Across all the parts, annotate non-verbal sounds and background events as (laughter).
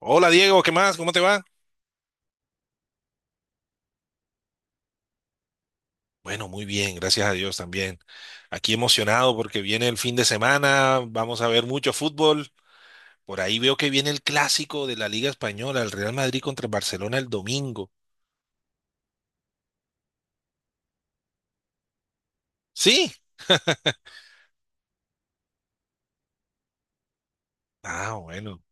Hola Diego, ¿qué más? ¿Cómo te va? Bueno, muy bien, gracias a Dios también. Aquí emocionado porque viene el fin de semana, vamos a ver mucho fútbol. Por ahí veo que viene el clásico de la Liga Española, el Real Madrid contra el Barcelona el domingo. Sí. Ah, bueno.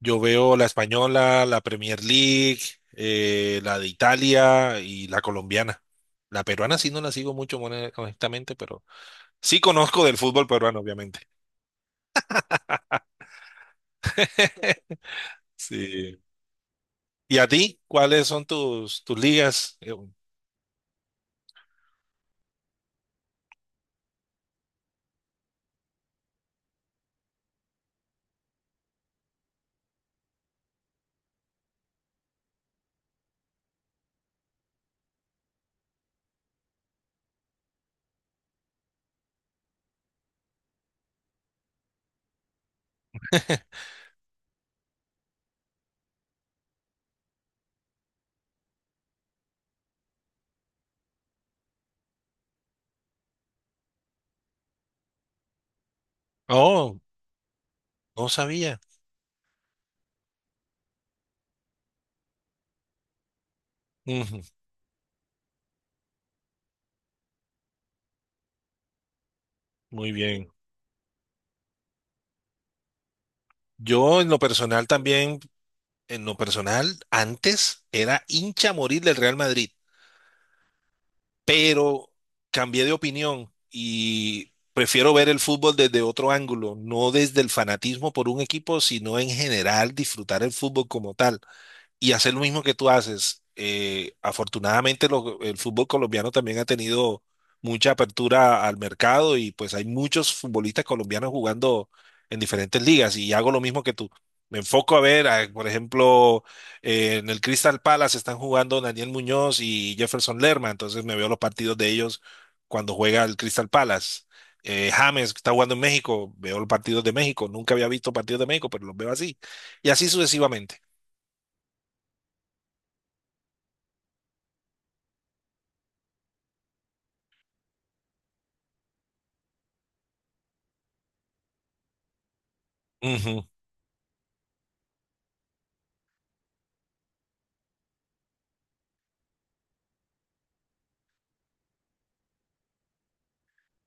Yo veo la española, la Premier League, la de Italia y la colombiana. La peruana sí no la sigo mucho, honestamente, pero sí conozco del fútbol peruano, obviamente. (laughs) Sí. ¿Y a ti? ¿Cuáles son tus ligas? Oh, no sabía. Ujú. Muy bien. Yo en lo personal también, antes era hincha a morir del Real Madrid, pero cambié de opinión y prefiero ver el fútbol desde otro ángulo, no desde el fanatismo por un equipo, sino en general disfrutar el fútbol como tal. Y hacer lo mismo que tú haces. Afortunadamente el fútbol colombiano también ha tenido mucha apertura al mercado y pues hay muchos futbolistas colombianos jugando en diferentes ligas y hago lo mismo que tú. Me enfoco a ver, por ejemplo, en el Crystal Palace están jugando Daniel Muñoz y Jefferson Lerma, entonces me veo los partidos de ellos cuando juega el Crystal Palace. James que está jugando en México, veo los partidos de México, nunca había visto partidos de México, pero los veo así, y así sucesivamente.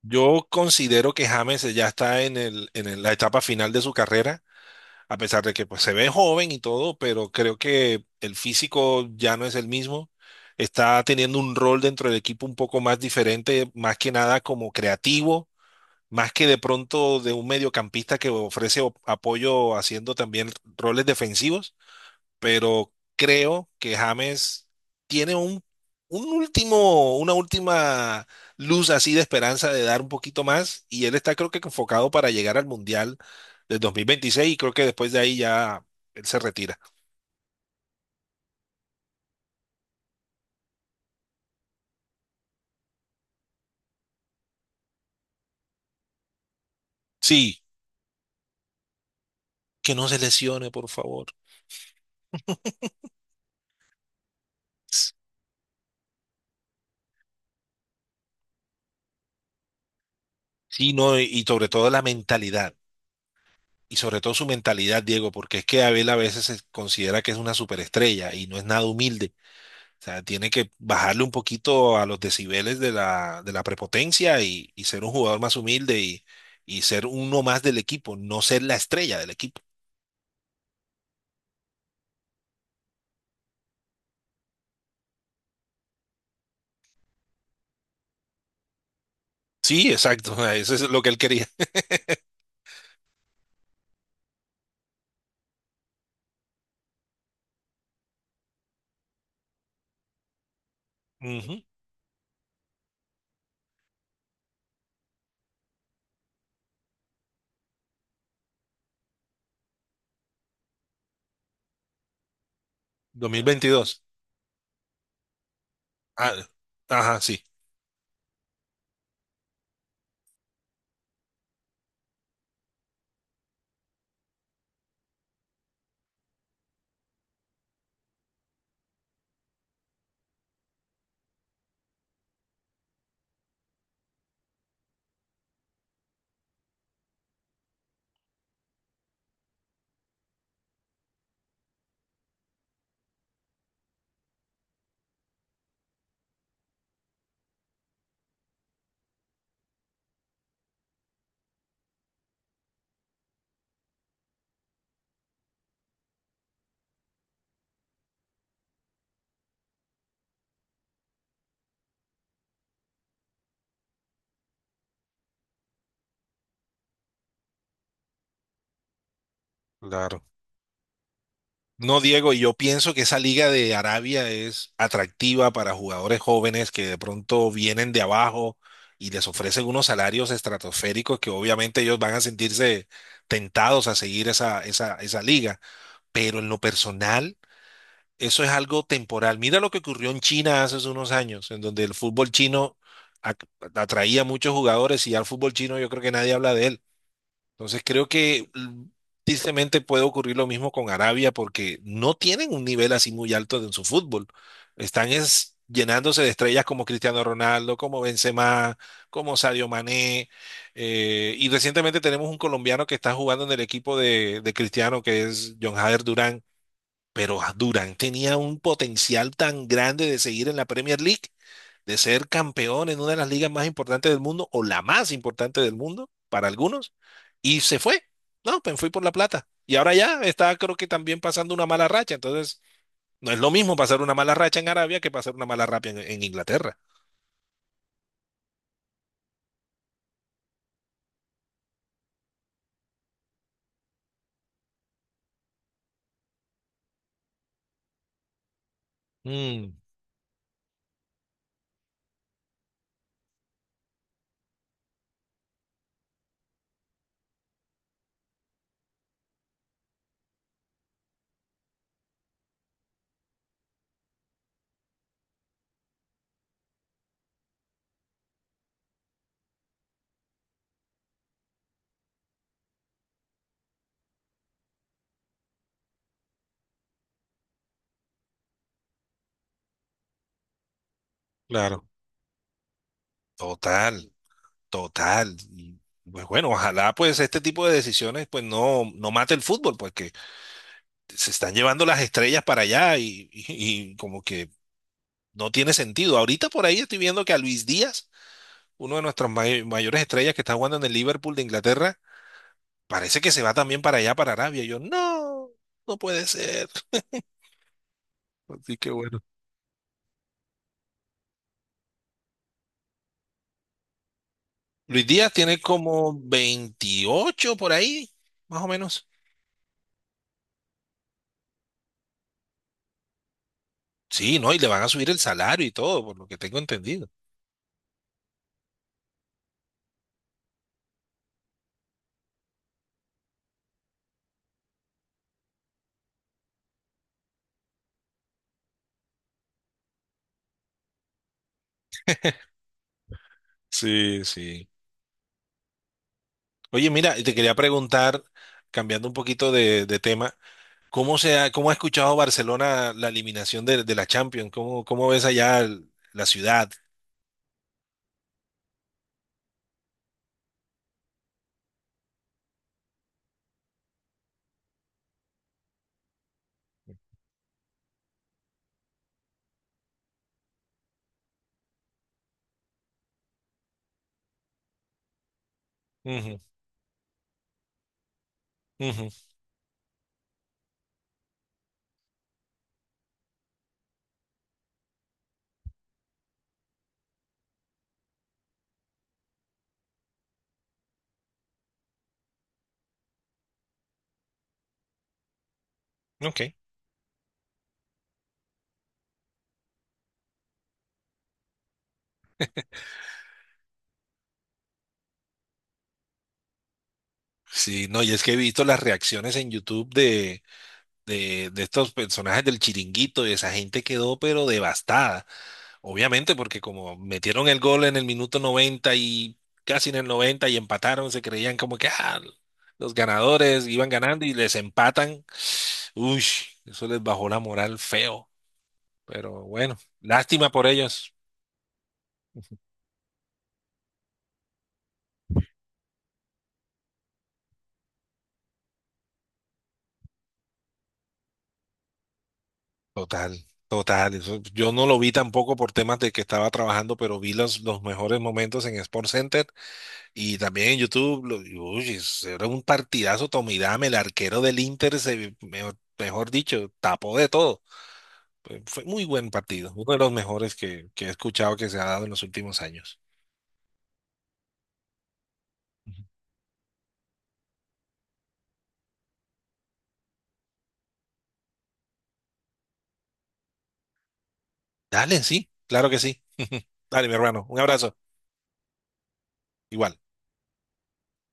Yo considero que James ya está la etapa final de su carrera, a pesar de que pues, se ve joven y todo, pero creo que el físico ya no es el mismo. Está teniendo un rol dentro del equipo un poco más diferente, más que nada como creativo, más que de pronto de un mediocampista que ofrece apoyo haciendo también roles defensivos. Pero creo que James tiene un último, una última luz así de esperanza de dar un poquito más y él está creo que enfocado para llegar al Mundial del 2026 y creo que después de ahí ya él se retira. Sí, que no se lesione, por favor. Sí, no, y sobre todo la mentalidad. Y sobre todo su mentalidad, Diego, porque es que Abel a veces se considera que es una superestrella y no es nada humilde. O sea, tiene que bajarle un poquito a los decibeles de la prepotencia y ser un jugador más humilde y ser uno más del equipo, no ser la estrella del equipo. Sí, exacto, (laughs) o eso es lo que él quería. Ujú, 2022. Ah, ajá, sí, claro. No, Diego, yo pienso que esa liga de Arabia es atractiva para jugadores jóvenes que de pronto vienen de abajo y les ofrecen unos salarios estratosféricos que obviamente ellos van a sentirse tentados a seguir esa liga. Pero en lo personal, eso es algo temporal. Mira lo que ocurrió en China hace unos años, en donde el fútbol chino ac- atraía a muchos jugadores y ya el fútbol chino yo creo que nadie habla de él. Entonces creo que tristemente puede ocurrir lo mismo con Arabia porque no tienen un nivel así muy alto en su fútbol. Están llenándose de estrellas como Cristiano Ronaldo, como Benzema, como Sadio Mané. Y recientemente tenemos un colombiano que está jugando en el equipo de Cristiano, que es John Jader Durán. Pero Durán tenía un potencial tan grande de seguir en la Premier League, de ser campeón en una de las ligas más importantes del mundo o la más importante del mundo para algunos, y se fue. No, pues fui por la plata. Y ahora ya está, creo que también pasando una mala racha. Entonces, no es lo mismo pasar una mala racha en Arabia que pasar una mala racha en Inglaterra. Mm, claro. Total, total. Y, pues bueno, ojalá pues este tipo de decisiones pues no, no mate el fútbol, porque se están llevando las estrellas para allá y como que no tiene sentido. Ahorita por ahí estoy viendo que a Luis Díaz, uno de nuestros mayores estrellas que está jugando en el Liverpool de Inglaterra, parece que se va también para allá, para Arabia. Yo, no, no puede ser. Así que bueno. Luis Díaz tiene como 28 por ahí, más o menos. Sí, ¿no? Y le van a subir el salario y todo, por lo que tengo entendido. Sí, sí. Oye, mira, y te quería preguntar, cambiando un poquito de tema. ¿Cómo ha escuchado Barcelona la eliminación de la Champions? ¿Cómo ves allá la ciudad? Ujú, ujú, ok. Sí, no, y es que he visto las reacciones en YouTube de estos personajes del Chiringuito y esa gente quedó pero devastada. Obviamente, porque como metieron el gol en el minuto 90 y casi en el 90 y empataron, se creían como que los ganadores iban ganando y les empatan. Uy, eso les bajó la moral feo. Pero bueno, lástima por ellos. Total, total. Yo no lo vi tampoco por temas de que estaba trabajando, pero vi los mejores momentos en Sport Center y también en YouTube. Y, uy, eso era un partidazo. Tommy Dame, el arquero del Inter, mejor dicho, tapó de todo. Fue muy buen partido, uno de los mejores que he escuchado que se ha dado en los últimos años. Dale, sí, claro que sí. (laughs) Dale, mi hermano, un abrazo. Igual.